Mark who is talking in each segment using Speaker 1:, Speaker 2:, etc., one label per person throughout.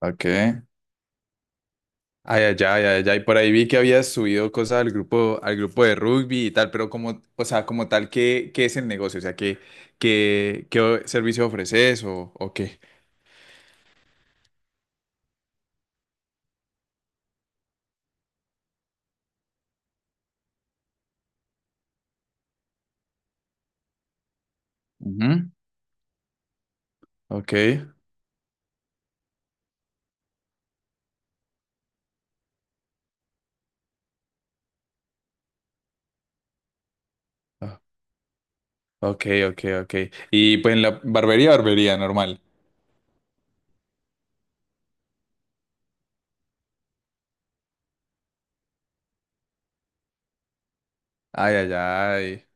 Speaker 1: Ok. Ay, ay, ay, ay, ay. Por ahí vi que habías subido cosas al grupo de rugby y tal, pero como, o sea, como tal, ¿qué, es el negocio? O sea, ¿qué, qué, servicio ofreces o qué? Ujú. Ok. Ah, ok, ok, ok. Y pues en la barbería, barbería, normal. Ay, ay, ay.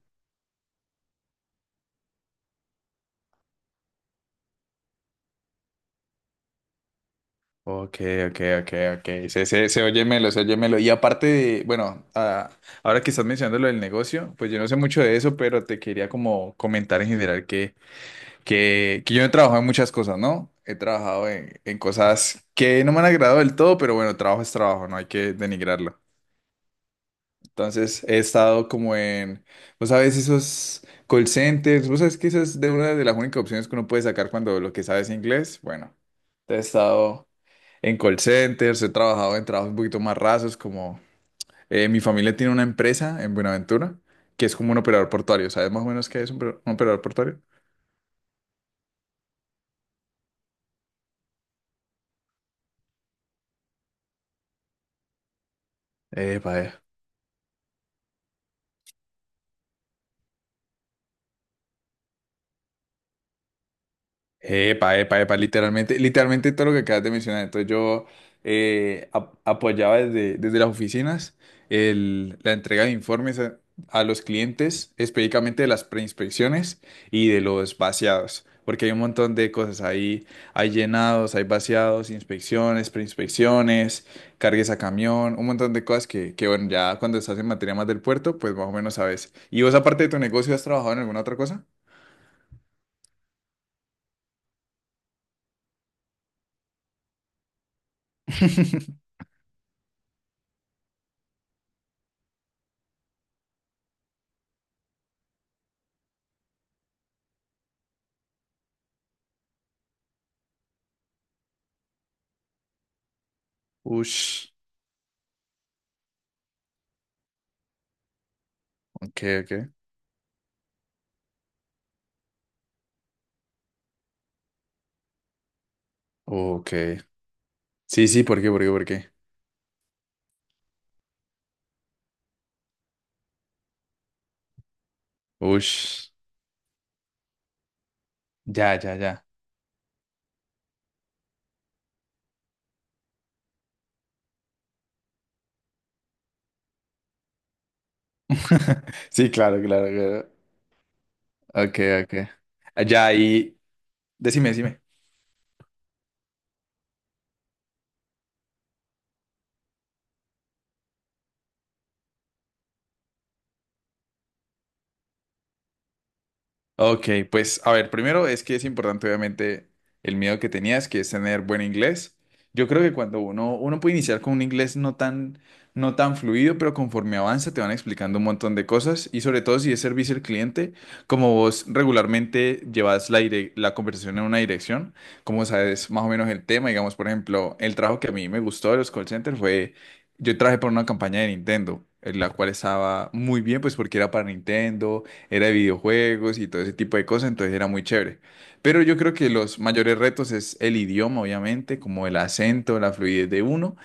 Speaker 1: Ok, ok, ok, ok. Se oye melo, se oye melo. Y aparte de, bueno, ah, ahora que estás mencionando lo del negocio, pues yo no sé mucho de eso, pero te quería como comentar en general que yo he trabajado en muchas cosas, ¿no? He trabajado en cosas que no me han agradado del todo, pero bueno, trabajo es trabajo, no hay que denigrarlo. Entonces he estado como en, vos sabes, esos call centers, vos sabes que esa es de una de las únicas opciones que uno puede sacar cuando lo que sabes es inglés. Bueno, he estado en call centers, he trabajado en trabajos un poquito más rasos, como mi familia tiene una empresa en Buenaventura, que es como un operador portuario, ¿sabes más o menos qué es un operador portuario? Epa, epa, epa, epa, literalmente, literalmente todo lo que acabas de mencionar. Entonces yo apoyaba desde las oficinas la entrega de informes a los clientes, específicamente de las preinspecciones y de los vaciados, porque hay un montón de cosas ahí, hay llenados, hay vaciados, inspecciones, preinspecciones, cargues a camión, un montón de cosas que bueno, ya cuando estás en materia más del puerto, pues más o menos sabes. ¿Y vos aparte de tu negocio has trabajado en alguna otra cosa? Ush, ok, ok. Ok. Sí, sí, ¿por qué? ¿Por qué? ¿Por qué? Ush. Ya, ya, ya. Sí, claro, claro, claro. Ok, ok. Ah, ya, y decime, decime. Ok, pues a ver, primero es que es importante obviamente el miedo que tenías, que es tener buen inglés. Yo creo que cuando uno puede iniciar con un inglés no tan, no tan fluido, pero conforme avanza te van explicando un montón de cosas y sobre todo si es servicio al cliente, como vos regularmente llevas la, la conversación en una dirección, como sabes más o menos el tema, digamos, por ejemplo, el trabajo que a mí me gustó de los call centers fue, yo trabajé por una campaña de Nintendo, en la cual estaba muy bien, pues porque era para Nintendo era de videojuegos y todo ese tipo de cosas, entonces era muy chévere. Pero yo creo que los mayores retos es el idioma, obviamente, como el acento, la fluidez de uno,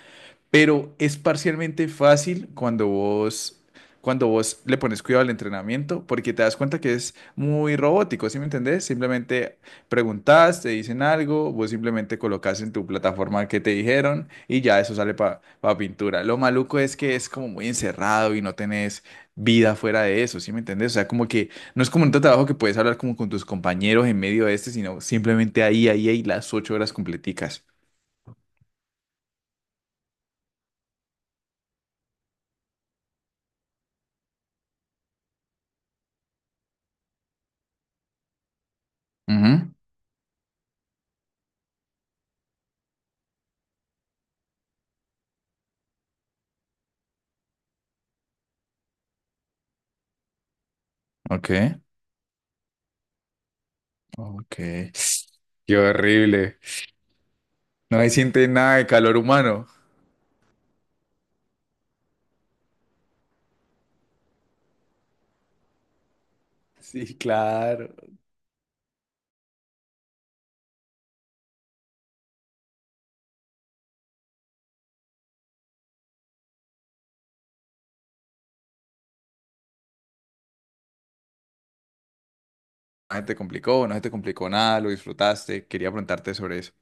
Speaker 1: pero es parcialmente fácil cuando vos le pones cuidado al entrenamiento, porque te das cuenta que es muy robótico, ¿sí me entendés? Simplemente preguntas, te dicen algo, vos simplemente colocas en tu plataforma que te dijeron y ya eso sale para pintura. Lo maluco es que es como muy encerrado y no tenés vida fuera de eso, ¿sí me entendés? O sea, como que no es como un trabajo que puedes hablar como con tus compañeros en medio de este, sino simplemente ahí las 8 horas completicas. Ujú, ok. Ok. Qué horrible. No se siente nada de calor humano. Sí, claro. No se te complicó, no se te complicó nada, lo disfrutaste. Quería preguntarte sobre eso.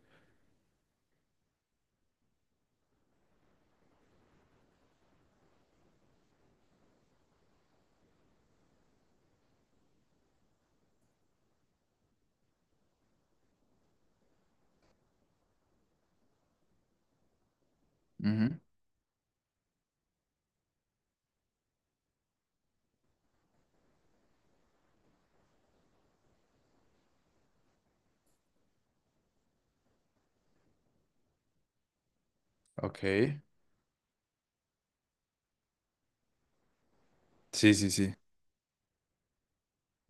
Speaker 1: Ujú, ok. Sí, sí, sí.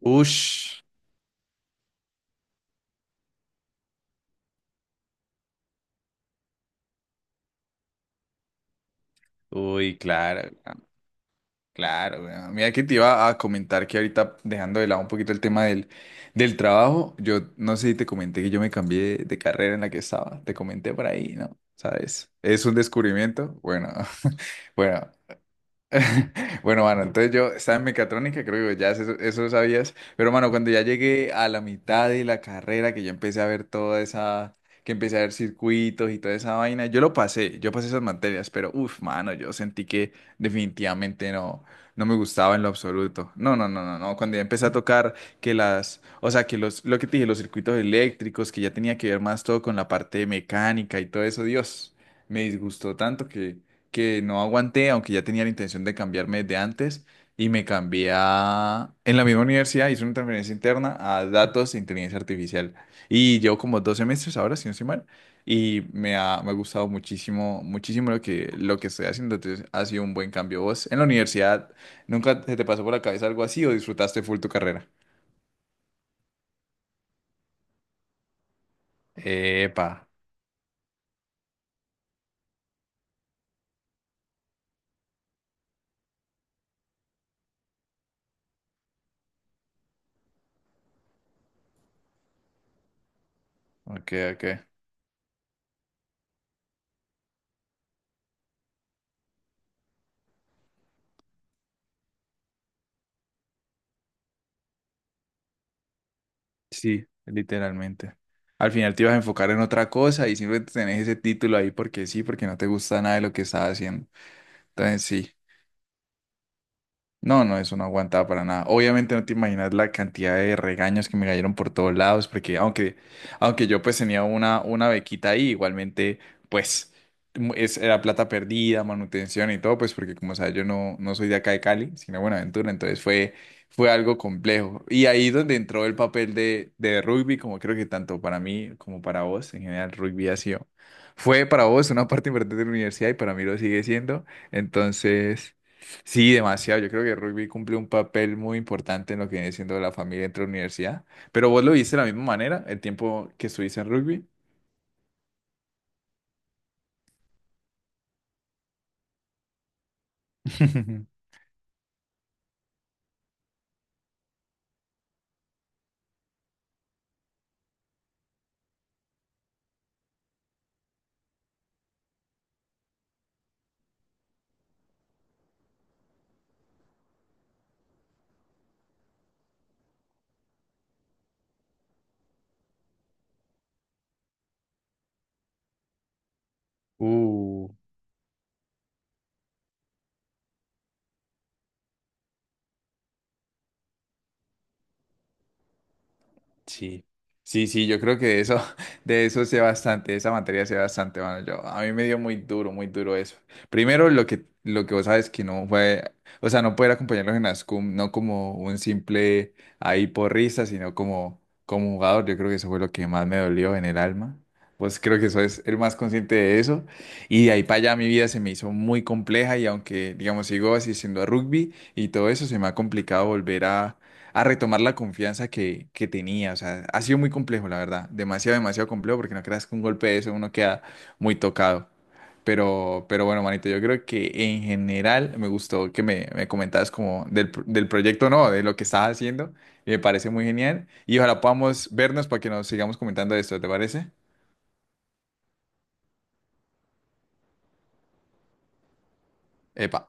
Speaker 1: Ush. Uy, claro, claro. Weón, mira que te iba a comentar que ahorita, dejando de lado un poquito el tema del trabajo, yo no sé si te comenté que yo me cambié de carrera en la que estaba. Te comenté por ahí, ¿no? ¿Sabes? Es un descubrimiento. Bueno, bueno. Bueno, mano, entonces yo estaba en mecatrónica, creo que ya eso lo sabías, pero mano, cuando ya llegué a la mitad de la carrera, que ya empecé a ver toda esa, que empecé a ver circuitos y toda esa vaina, yo lo pasé, yo pasé esas materias, pero uff, mano, yo sentí que definitivamente no, no me gustaba en lo absoluto. No, no, no, no, no, cuando ya empecé a tocar que las, o sea, lo que te dije, los circuitos eléctricos, que ya tenía que ver más todo con la parte mecánica y todo eso, Dios, me disgustó tanto que no aguanté, aunque ya tenía la intención de cambiarme desde antes, y me cambié a... En la misma universidad hice una transferencia interna a datos e inteligencia artificial. Y llevo como dos semestres ahora, si no estoy mal, y me ha gustado muchísimo, muchísimo lo que estoy haciendo. Entonces, ha sido un buen cambio. ¿Vos en la universidad nunca se te pasó por la cabeza algo así o disfrutaste full tu carrera? Epa, ok, ok. Sí, literalmente. Al final te ibas a enfocar en otra cosa y siempre tenés ese título ahí porque sí, porque no te gusta nada de lo que estás haciendo. Entonces, sí. No, no, eso no aguantaba para nada. Obviamente no te imaginas la cantidad de regaños que me cayeron por todos lados, porque aunque, aunque yo pues tenía una bequita ahí, igualmente pues era plata perdida, manutención y todo, pues porque como sabes yo no, no soy de acá de Cali, sino de Buenaventura, entonces fue, fue algo complejo. Y ahí es donde entró el papel de rugby, como creo que tanto para mí como para vos, en general rugby ha sido, fue para vos una parte importante de la universidad y para mí lo sigue siendo, entonces... Sí, demasiado. Yo creo que el rugby cumple un papel muy importante en lo que viene siendo la familia entre la universidad. Pero vos lo viste de la misma manera, el tiempo que estuviste en rugby. Uh. Sí, sí, sí, yo creo que de eso, de eso sé bastante, de esa materia sé bastante, mano. Yo, a mí me dio muy duro eso. Primero, lo que vos sabes que no fue, o sea, no poder acompañarlos en las cum, no como un simple ahí porrista, sino como, como jugador. Yo creo que eso fue lo que más me dolió en el alma. Pues creo que eso es el más consciente de eso. Y de ahí para allá mi vida se me hizo muy compleja y aunque, digamos, sigo asistiendo a rugby y todo eso, se me ha complicado volver a retomar la confianza que tenía. O sea, ha sido muy complejo, la verdad. Demasiado, demasiado complejo, porque no creas que un golpe de eso uno queda muy tocado. Pero bueno, manito, yo creo que en general me gustó que me comentabas como del proyecto, no, de lo que estás haciendo. Y me parece muy genial. Y ojalá podamos vernos para que nos sigamos comentando esto, ¿te parece? Epa.